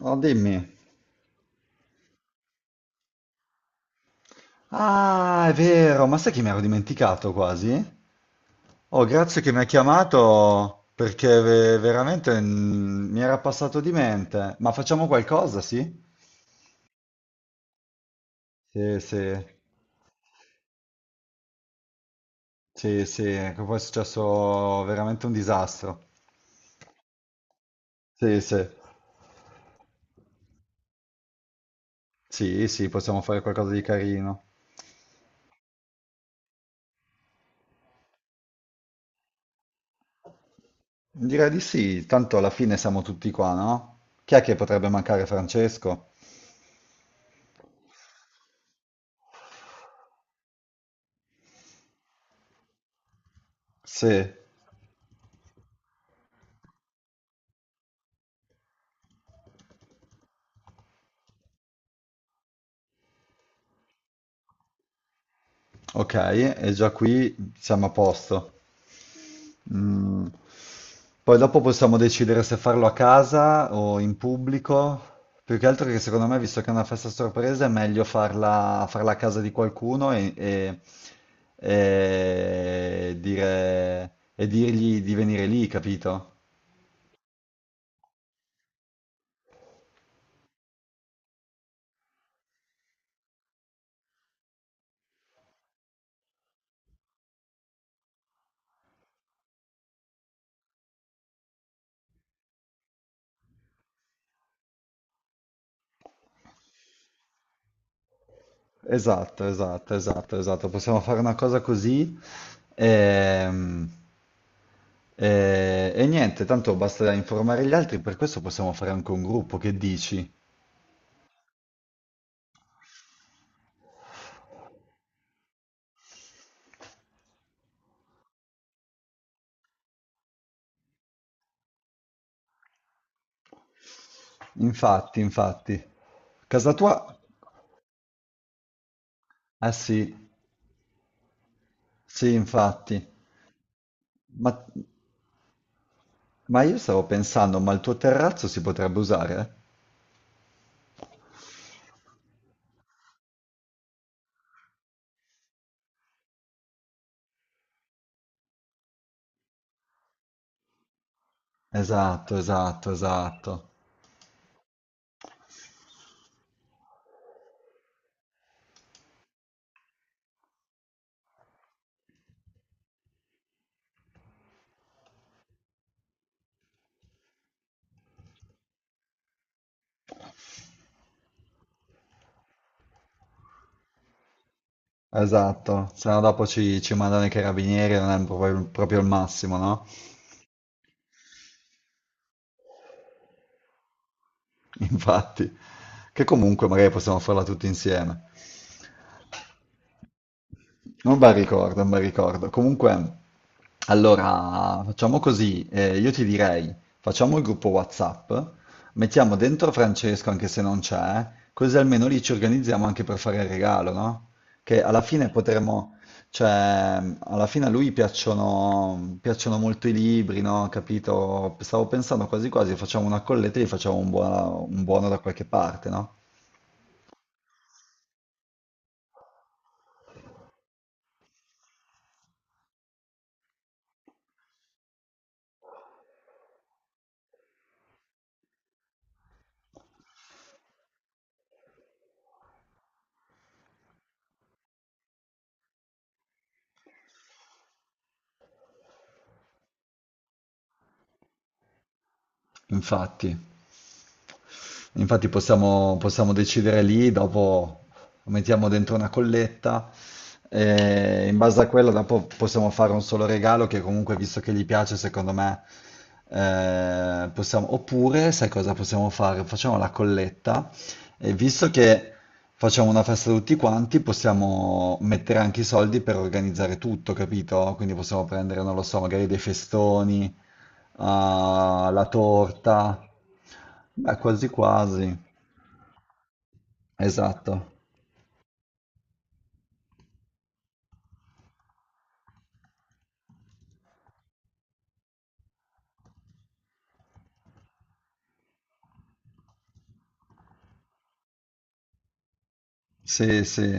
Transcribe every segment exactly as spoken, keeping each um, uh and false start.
Oh, dimmi. Ah, è vero, ma sai che mi ero dimenticato quasi? Oh, grazie che mi ha chiamato perché ve- veramente mm, mi era passato di mente. Ma facciamo qualcosa, sì? Sì, sì, sì, sì, che poi è successo veramente un disastro. Sì, sì, sì, sì, possiamo fare qualcosa di carino. Direi di sì, tanto alla fine siamo tutti qua, no? Chi è che potrebbe mancare Francesco? Sì, ok, e già qui siamo a posto. Mm. Poi dopo possiamo decidere se farlo a casa o in pubblico. Più che altro che secondo me, visto che è una festa sorpresa, è meglio farla, farla a casa di qualcuno e, e- e dire- e dirgli di venire lì, capito? Esatto, esatto, esatto, esatto. Possiamo fare una cosa così. ehm, E, e niente, tanto basta informare gli altri, per questo possiamo fare anche un gruppo, che dici? Infatti, infatti. Casa tua? Ah sì, sì, infatti. Ma, ma io stavo pensando, ma il tuo terrazzo si potrebbe usare? Esatto, esatto, esatto. Esatto, se no dopo ci, ci mandano i carabinieri, non è proprio, proprio il massimo, no? Infatti, che comunque magari possiamo farla tutti insieme. Non mi ricordo, non mi ricordo. Comunque, allora, facciamo così. Eh, io ti direi, facciamo il gruppo WhatsApp, mettiamo dentro Francesco anche se non c'è, così almeno lì ci organizziamo anche per fare il regalo, no? Che alla fine potremmo, cioè, alla fine a lui piacciono, piacciono molto i libri, no? Capito? Stavo pensando quasi quasi, facciamo una colletta e gli facciamo un buono, un buono da qualche parte, no? Infatti. Infatti possiamo, possiamo decidere lì, dopo lo mettiamo dentro una colletta e in base a quella dopo possiamo fare un solo regalo che comunque, visto che gli piace, secondo me, eh, possiamo... Oppure, sai cosa possiamo fare? Facciamo la colletta e visto che facciamo una festa tutti quanti, possiamo mettere anche i soldi per organizzare tutto, capito? Quindi possiamo prendere, non lo so, magari dei festoni. Ah, la torta. Beh, quasi quasi, esatto. Sì, sì.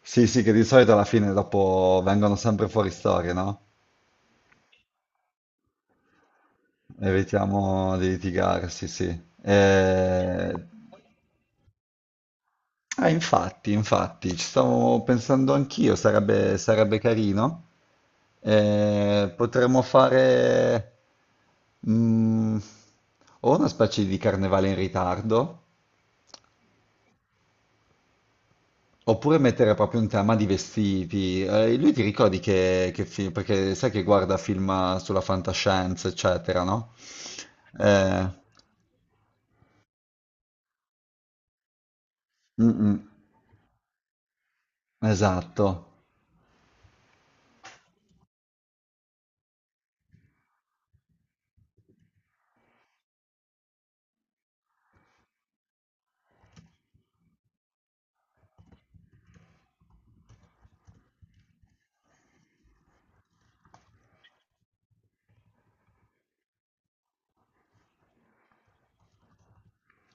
Sì, sì, che di solito alla fine dopo vengono sempre fuori storie, no? Evitiamo di litigare, sì, sì. Eh, ah, infatti, infatti, ci stavo pensando anch'io, sarebbe, sarebbe carino. Eh, potremmo fare mm, o una specie di carnevale in ritardo, oppure mettere proprio un tema di vestiti. Eh, lui ti ricordi che, che film, perché sai che guarda film eh, sulla fantascienza, eccetera, no? Eh, mm, mm, esatto.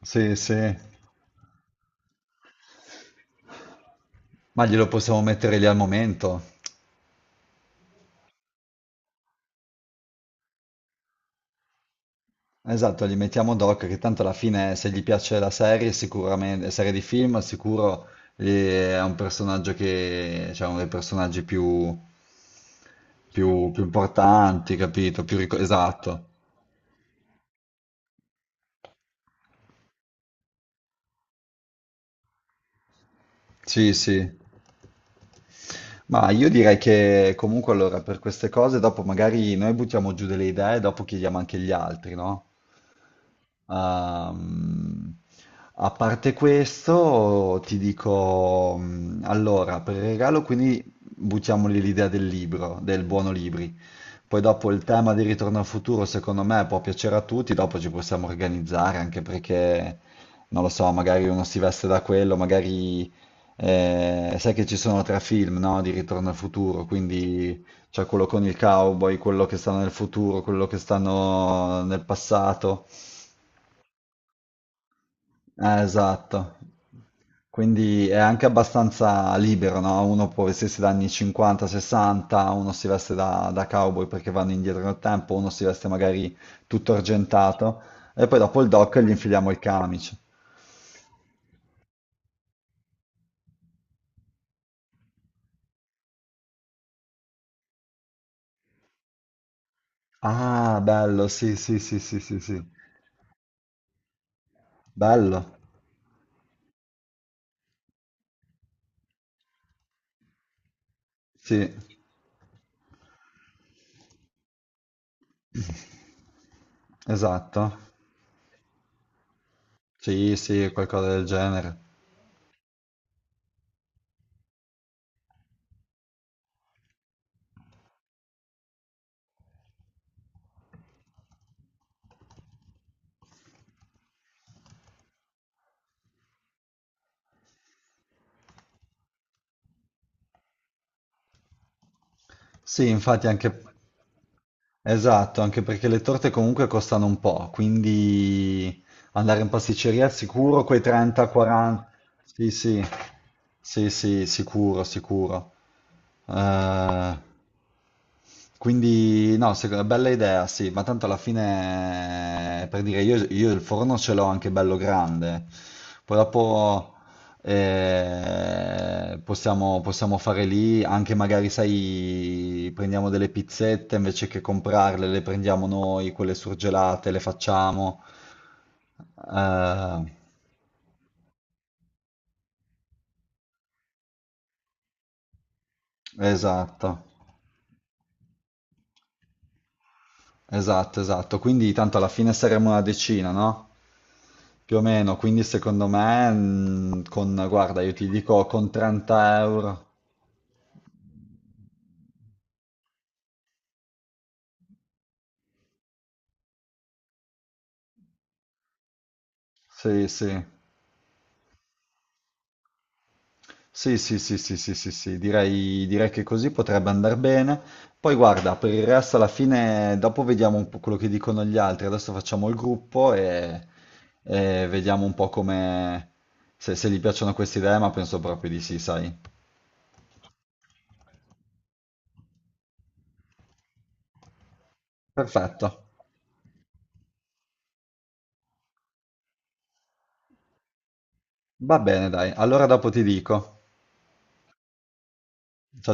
Sì, sì. Ma glielo possiamo mettere lì al momento. Esatto, gli mettiamo Doc, che tanto alla fine se gli piace la serie, sicuramente, serie di film, sicuro eh, è un personaggio che, cioè uno dei personaggi più, più, più importanti, capito? Più ricor- esatto. Sì, sì. Ma io direi che comunque allora per queste cose dopo magari noi buttiamo giù delle idee e dopo chiediamo anche gli altri, no? Ehm, a parte questo ti dico, mm, allora per il regalo quindi buttiamoli l'idea del libro, del buono libri. Poi dopo il tema di Ritorno al futuro, secondo me, può piacere a tutti, dopo ci possiamo organizzare, anche perché, non lo so, magari uno si veste da quello, magari eh, sai che ci sono tre film, no, di Ritorno al futuro, quindi c'è quello con il cowboy, quello che sta nel futuro, quello che stanno nel passato. Eh, esatto. Quindi è anche abbastanza libero, no? Uno può vestirsi da anni cinquanta, sessanta, uno si veste da, da cowboy perché vanno indietro nel tempo, uno si veste magari tutto argentato e poi dopo il doc gli infiliamo il camice. Ah, bello, sì, sì, sì, sì, sì, sì. Bello. Sì. Esatto. Sì, sì, qualcosa del genere. Sì, infatti anche... Esatto, anche perché le torte comunque costano un po', quindi andare in pasticceria al sicuro quei trenta a quaranta. Sì, sì, sì, sì, sicuro, sicuro. Eh, quindi, no, secondo- bella idea, sì, ma tanto alla fine, per dire, io, io il forno ce l'ho anche bello grande, poi dopo eh, possiamo, possiamo fare lì, anche magari, sai, prendiamo delle pizzette, invece che comprarle, le prendiamo noi, quelle surgelate, le facciamo. Eh, esatto, esatto, esatto, quindi tanto alla fine saremo una decina, no? Più o meno, quindi secondo me, mh, con, guarda, io ti dico con trenta euro. Sì, sì, sì, sì, sì, sì, sì, sì, sì, direi, direi che così potrebbe andare bene. Poi guarda, per il resto alla fine, dopo vediamo un po' quello che dicono gli altri. Adesso facciamo il gruppo e, e vediamo un po' come, se, se gli piacciono queste idee, ma penso proprio di sì, sai. Perfetto. Va bene, dai. Allora dopo ti dico. Ci